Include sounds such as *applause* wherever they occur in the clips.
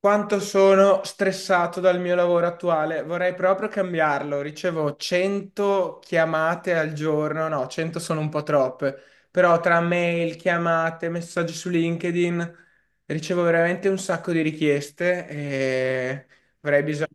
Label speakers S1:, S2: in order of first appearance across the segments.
S1: Quanto sono stressato dal mio lavoro attuale, vorrei proprio cambiarlo. Ricevo 100 chiamate al giorno, no, 100 sono un po' troppe, però tra mail, chiamate, messaggi su LinkedIn ricevo veramente un sacco di richieste e avrei bisogno.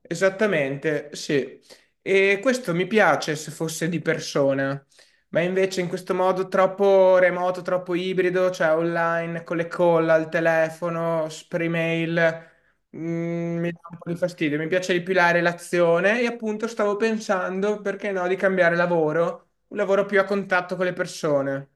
S1: Esattamente, sì. E questo mi piace se fosse di persona, ma invece in questo modo troppo remoto, troppo ibrido, cioè online, con le call al telefono, per email, mi dà un po' di fastidio. Mi piace di più la relazione e appunto stavo pensando, perché no, di cambiare lavoro, un lavoro più a contatto con le persone.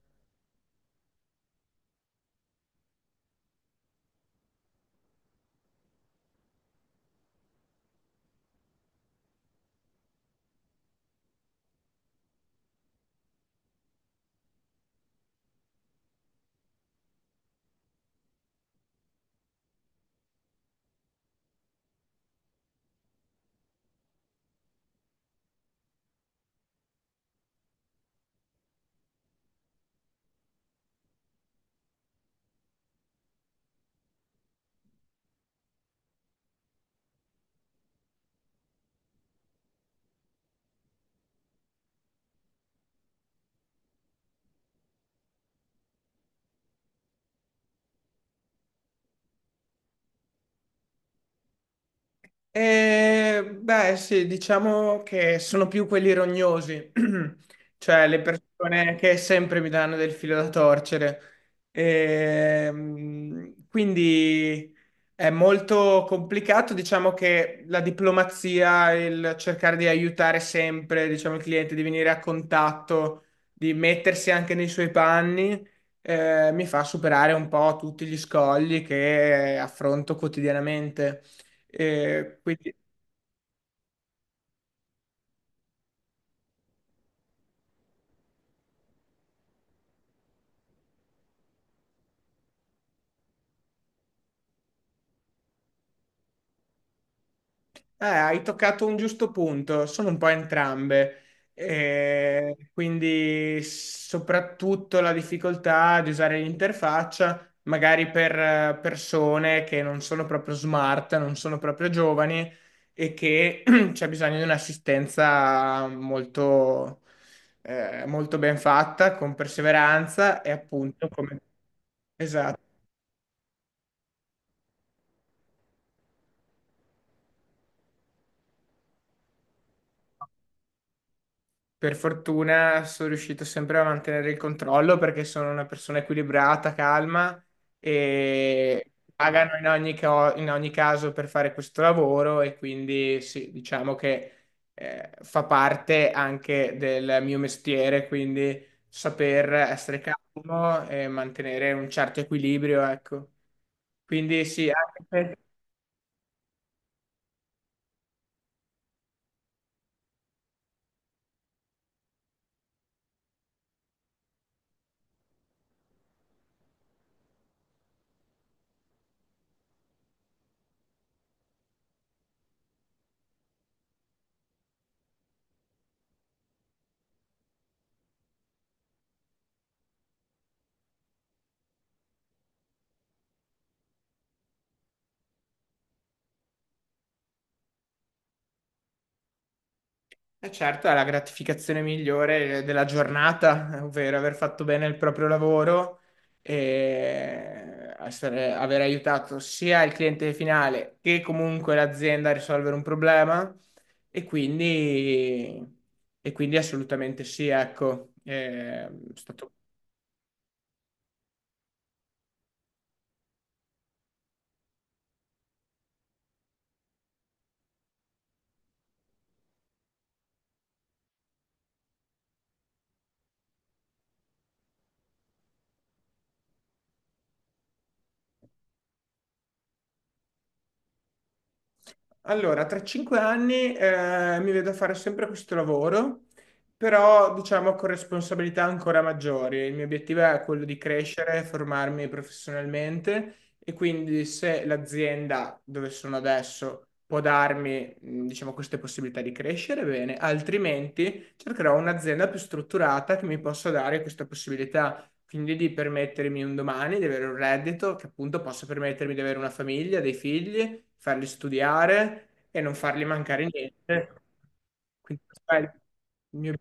S1: Beh, sì, diciamo che sono più quelli rognosi, *clears throat* cioè le persone che sempre mi danno del filo da torcere. Quindi è molto complicato, diciamo che la diplomazia, il cercare di aiutare sempre, diciamo, il cliente, di venire a contatto, di mettersi anche nei suoi panni, mi fa superare un po' tutti gli scogli che affronto quotidianamente. Quindi, hai toccato un giusto punto, sono un po' entrambe. Quindi soprattutto la difficoltà di usare l'interfaccia, magari per persone che non sono proprio smart, non sono proprio giovani e che *clears throat* c'è bisogno di un'assistenza molto, molto ben fatta, con perseveranza e appunto come... Esatto. Per fortuna sono riuscito sempre a mantenere il controllo perché sono una persona equilibrata, calma e pagano in ogni, in ogni caso per fare questo lavoro e quindi sì, diciamo che fa parte anche del mio mestiere, quindi saper essere calmo e mantenere un certo equilibrio, ecco. Quindi sì, anche per- E certo, è la gratificazione migliore della giornata, ovvero aver fatto bene il proprio lavoro e aver aiutato sia il cliente finale che comunque l'azienda a risolvere un problema. E quindi, e quindi assolutamente sì, ecco, eh, è stato Allora, tra 5 anni mi vedo fare sempre questo lavoro, però diciamo con responsabilità ancora maggiori. Il mio obiettivo è quello di crescere, formarmi professionalmente e quindi se l'azienda dove sono adesso può darmi, diciamo, queste possibilità di crescere, bene, altrimenti cercherò un'azienda più strutturata che mi possa dare questa possibilità quindi di permettermi un domani di avere un reddito che appunto possa permettermi di avere una famiglia, dei figli, farli studiare e non fargli mancare niente. Quindi, quello è il mio-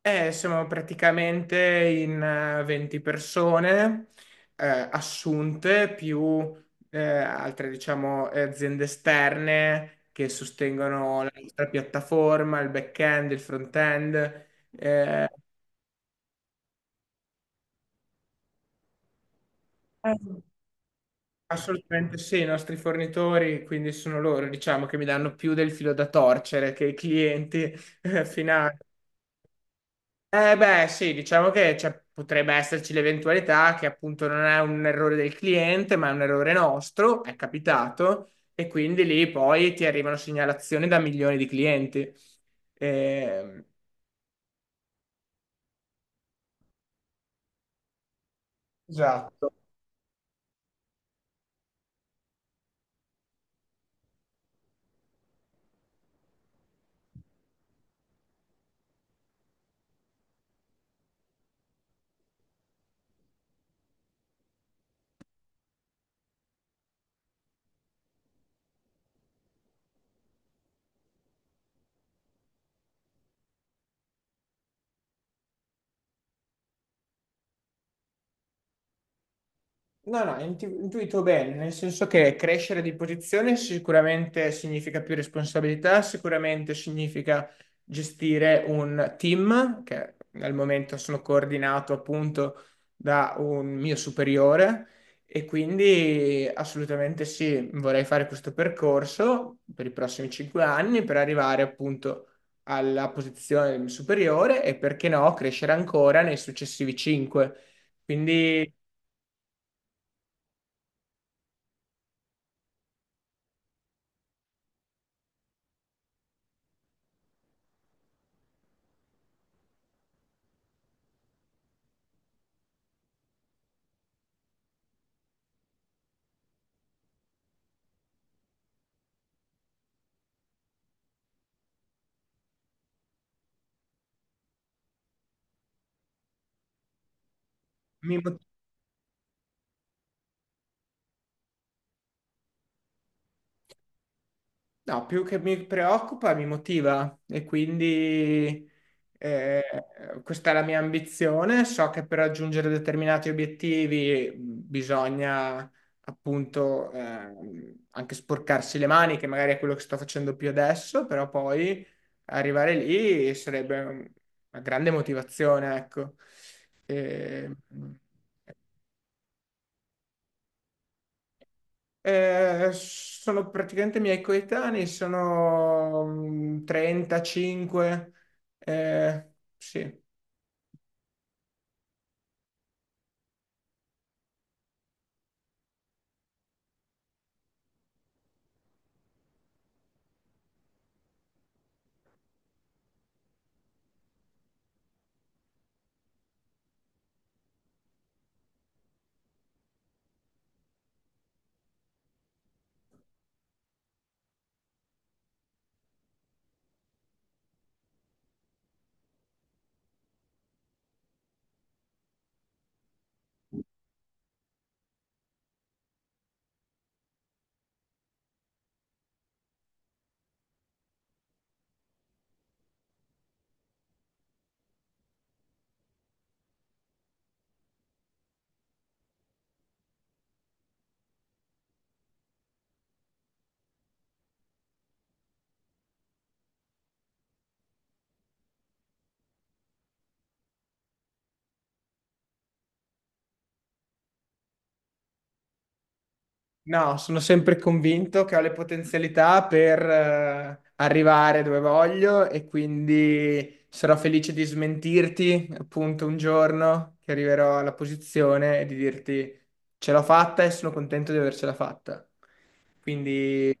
S1: siamo praticamente in 20 persone eh, assunte più altre, diciamo, aziende esterne che sostengono la nostra piattaforma, il back-end, il front-end. eh, Assolutamente sì, i nostri fornitori, quindi sono loro, diciamo, che mi danno più del filo da torcere che i clienti finali. Eh beh, sì, diciamo che cioè, potrebbe esserci l'eventualità che appunto non è un errore del cliente, ma è un errore nostro, è capitato, e quindi lì poi ti arrivano segnalazioni da milioni di clienti. Ehm, Esatto. No, no, intuito bene, nel senso che crescere di posizione sicuramente significa più responsabilità, sicuramente significa gestire un team, che al momento sono coordinato appunto da un mio superiore e quindi assolutamente sì, vorrei fare questo percorso per i prossimi 5 anni per arrivare appunto alla posizione superiore e perché no, crescere ancora nei successivi 5. Quindi mi motiva No, più che mi preoccupa, mi motiva e quindi eh, questa è la mia ambizione. So che per raggiungere determinati obiettivi bisogna appunto anche sporcarsi le mani, che magari è quello che sto facendo più adesso, però poi arrivare lì sarebbe un- una grande motivazione, ecco. E, eh, sono praticamente miei coetanei, sono 35. eh, sì. No, sono sempre convinto che ho le potenzialità per arrivare dove voglio e quindi sarò felice di smentirti appunto un giorno che arriverò alla posizione e di dirti ce l'ho fatta e sono contento di avercela fatta. Quindi.